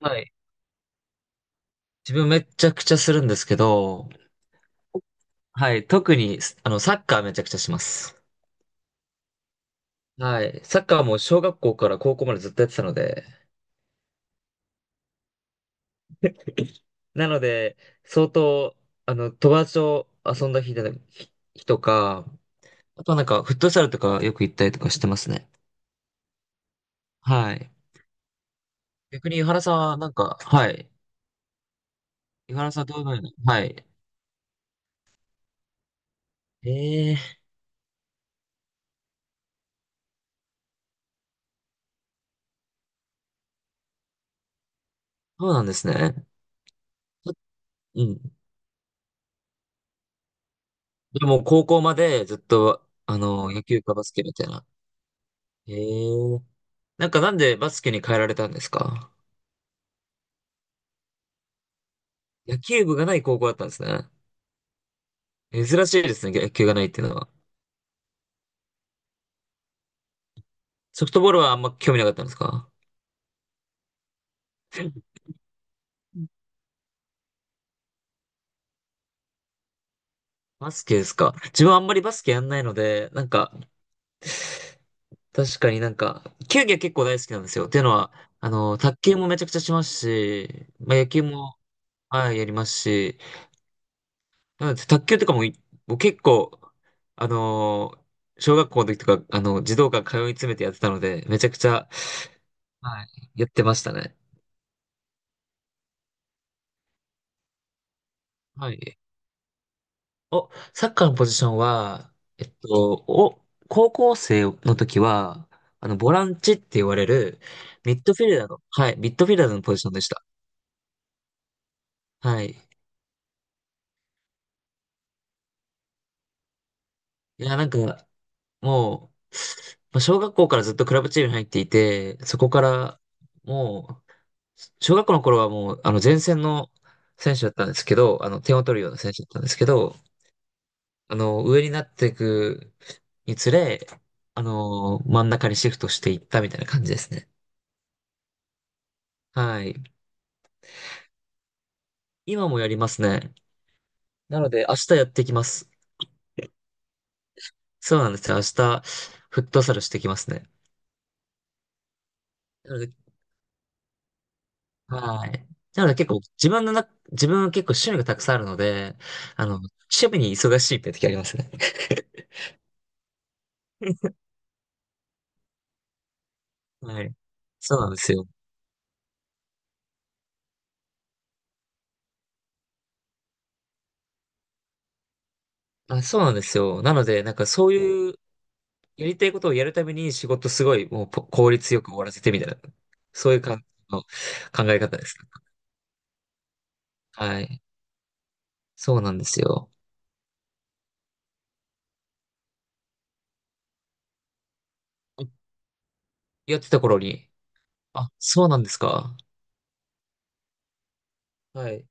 はい。自分めちゃくちゃするんですけど、はい。特にす、あの、サッカーめちゃくちゃします。はい。サッカーも小学校から高校までずっとやってたので、なので、相当、友達と遊んだ日日とか、あとはなんか、フットサルとかよく行ったりとかしてますね。はい。逆に、井原さんはなんか、はい。井原さんはどういうのに、はい。ええ、そうなんですね。うん。でも、高校までずっと、野球かバスケみたいな。へえ。なんかなんでバスケに変えられたんですか？野球部がない高校だったんですね。珍しいですね、野球がないっていうのは。ソフトボールはあんま興味なかったんですか？バスケですか？自分はあんまりバスケやんないので、なんか、確かになんか、球技は結構大好きなんですよ。っていうのは、卓球もめちゃくちゃしますし、まあ、野球も、はい、やりますし、なので卓球とかももう結構、あの小学校の時とか、児童館通い詰めてやってたので、めちゃくちゃ、はい、やってましたね。はい。サッカーのポジションは、お、高校生の時は、ボランチって言われる、ミッドフィルダーの、はい、ミッドフィルダーのポジションでした。はい。いや、なんか、もう、まあ小学校からずっとクラブチームに入っていて、そこから、もう、小学校の頃はもう、前線の選手だったんですけど、点を取るような選手だったんですけど、上になっていくにつれ、真ん中にシフトしていったみたいな感じですね。はい。今もやりますね。なので、明日やってきます。そうなんですよ。明日、フットサルしてきますね。なので、はい。なので結構、自分は結構趣味がたくさんあるので、趣味に忙しいって時ありますね。はい。そうなんですよ。あ、そうなんですよ。なので、なんかそういうやりたいことをやるために仕事すごいもう効率よく終わらせてみたいな、そういう感じの考え方です。はい。そうなんですよ。やってた頃に、あ、そうなんですか。はい。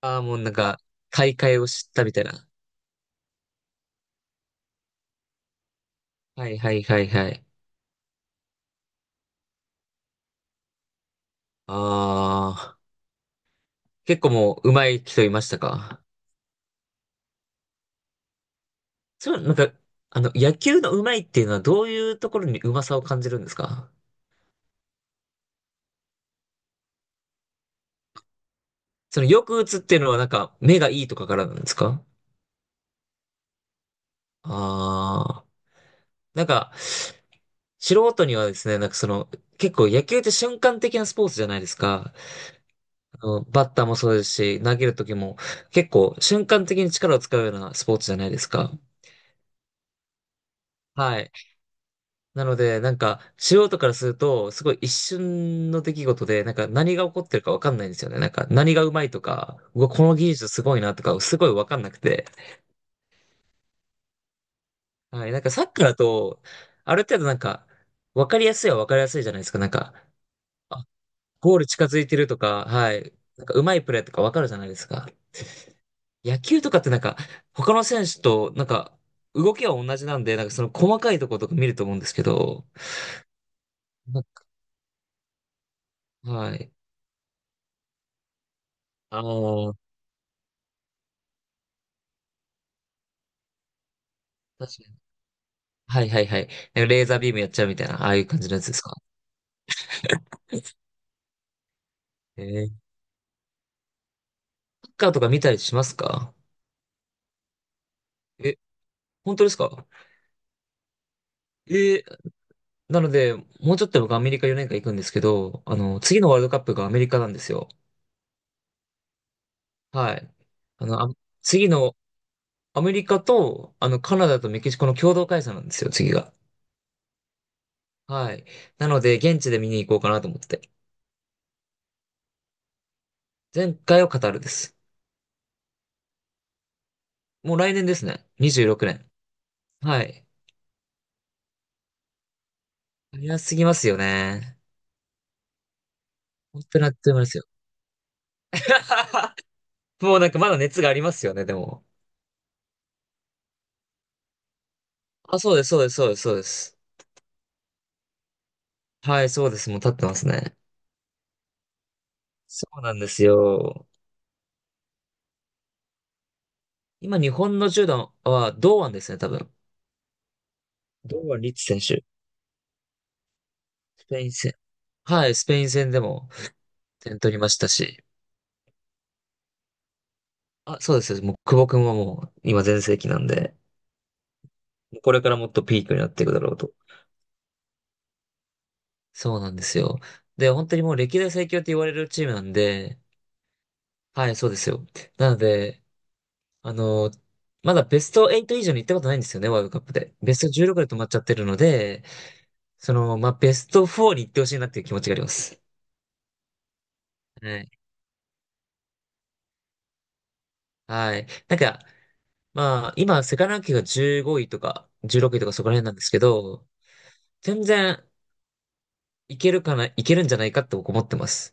ああ、もうなんか、大会を知ったみたいな。はいはいはいはい。ああ、結構もう上手い人いましたか？そう、なんか、野球の上手いっていうのはどういうところに上手さを感じるんですか？そのよく打つっていうのはなんか目がいいとかからなんですか？ああー、なんか、素人にはですね、なんかその、結構野球って瞬間的なスポーツじゃないですか。バッターもそうですし、投げる時も結構瞬間的に力を使うようなスポーツじゃないですか。はい。なので、なんか、素人からすると、すごい一瞬の出来事で、なんか何が起こってるかわかんないんですよね。なんか何がうまいとか、うわこの技術すごいなとか、すごいわかんなくて。はい。なんかサッカーだと、ある程度なんか、わかりやすいはわかりやすいじゃないですか。なんか、ゴール近づいてるとか、はい。なんか、うまいプレーとかわかるじゃないですか。野球とかってなんか、他の選手と、なんか、動きは同じなんで、なんかその細かいところとか見ると思うんですけど、なんか、はい。ああ、確かに。はいはいはい。なんかレーザービームやっちゃうみたいな、ああいう感じのやつですか？えサッカーとか見たりしますか？え、本当ですか？えー、なので、もうちょっと僕アメリカ4年間行くんですけど、次のワールドカップがアメリカなんですよ。はい。あの、あ、次の、アメリカと、カナダとメキシコの共同開催なんですよ、次が。はい。なので、現地で見に行こうかなと思って。前回はカタールです。もう来年ですね。26年。はい。早すぎますよね。本当にあっという間ですよ。もうなんかまだ熱がありますよね、でも。あ、そうです、そうです、そうです、そうです。はい、そうです。もう立ってますね。そうなんですよ。今、日本の10段は堂安ですね、多分。堂安律選手。スペイン戦。はい、スペイン戦でも点取りましたし。あ、そうです。もう、久保君はもう、今全盛期なんで、もうこれからもっとピークになっていくだろうと。そうなんですよ。で、本当にもう歴代最強って言われるチームなんで、はい、そうですよ。なので、あの、まだベスト8以上に行ったことないんですよね、ワールドカップで。ベスト16で止まっちゃってるので、その、まあ、ベスト4に行ってほしいなっていう気持ちがあります。はい。はい。なんか、まあ、今、世界ランキングが15位とか、16位とかそこら辺なんですけど、全然いけるかな、いけるんじゃないかって僕思ってます。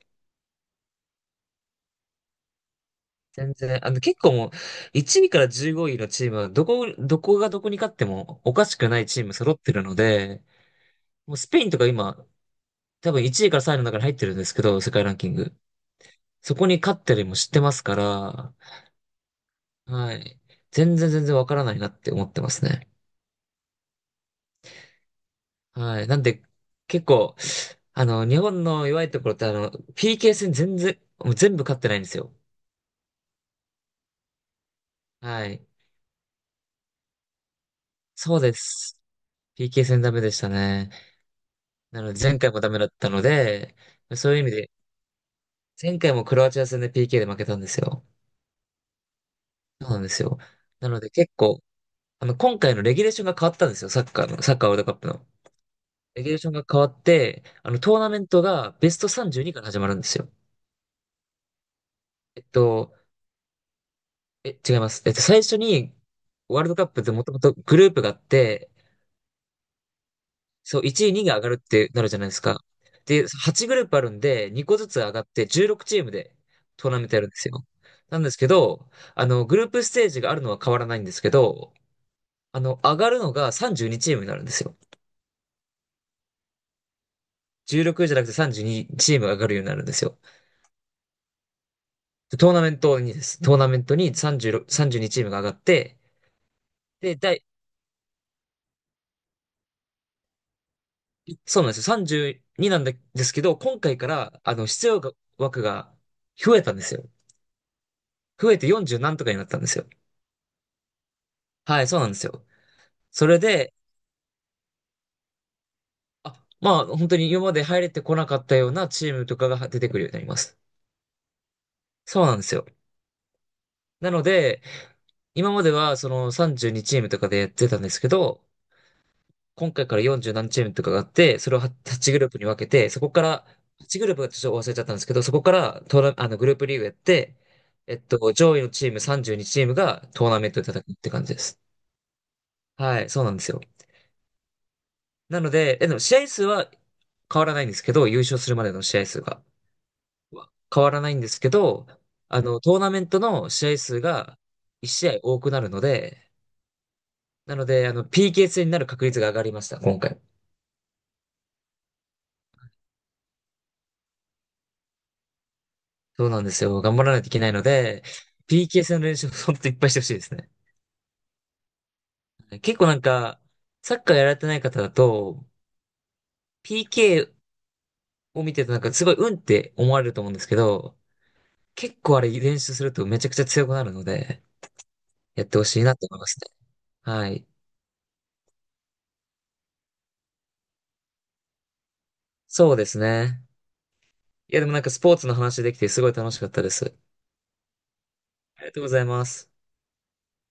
全然、結構もう、1位から15位のチームは、どこがどこに勝ってもおかしくないチーム揃ってるので、もうスペインとか今、多分1位から3位の中に入ってるんですけど、世界ランキング。そこに勝ったりも知ってますから、はい。全然全然わからないなって思ってますね。はい。なんで、結構、日本の弱いところって、PK 戦全然、もう全部勝ってないんですよ。はい。そうです。PK 戦ダメでしたね。なので、前回もダメだったので、そういう意味で、前回もクロアチア戦で PK で負けたんですよ。そうなんですよ。なので、結構、今回のレギュレーションが変わったんですよ。サッカーの、サッカーワールドカップの。レギュレーションが変わって、トーナメントがベスト32から始まるんですよ。えっと、違います。最初に、ワールドカップってもともとグループがあって、そう、1位、2位が上がるってなるじゃないですか。で、8グループあるんで、2個ずつ上がって16チームでトーナメントやるんですよ。なんですけど、グループステージがあるのは変わらないんですけど、上がるのが32チームになるんですよ。16じゃなくて32チームが上がるようになるんですよ。でトーナメントにです。トーナメントに36、32チームが上がって、で、第、そうなんですよ。32なんですけど、今回から、出場枠が増えたんですよ。増えて40何とかになったんですよ。はい、そうなんですよ。それで、あ、まあ、本当に今まで入れてこなかったようなチームとかが出てくるようになります。そうなんですよ。なので、今まではその32チームとかでやってたんですけど、今回から40何チームとかがあって、それを8グループに分けて、そこから、8グループはちょっと忘れちゃったんですけど、そこからトーナ、あの、グループリーグやって、上位のチーム32チームがトーナメントで戦うって感じです。はい、そうなんですよ。なので、でも試合数は変わらないんですけど、優勝するまでの試合数が。変わらないんですけど、トーナメントの試合数が1試合多くなるので、なので、PK 戦になる確率が上がりました、今回。そうなんですよ。頑張らないといけないので、PK 戦の練習をいっぱいしてほしいですね。結構なんか、サッカーやられてない方だと、PK を見ててなんかすごい運って思われると思うんですけど、結構あれ練習するとめちゃくちゃ強くなるので、やってほしいなって思いますね。はい。そうですね。いやでもなんかスポーツの話できてすごい楽しかったです。ありがとうございます。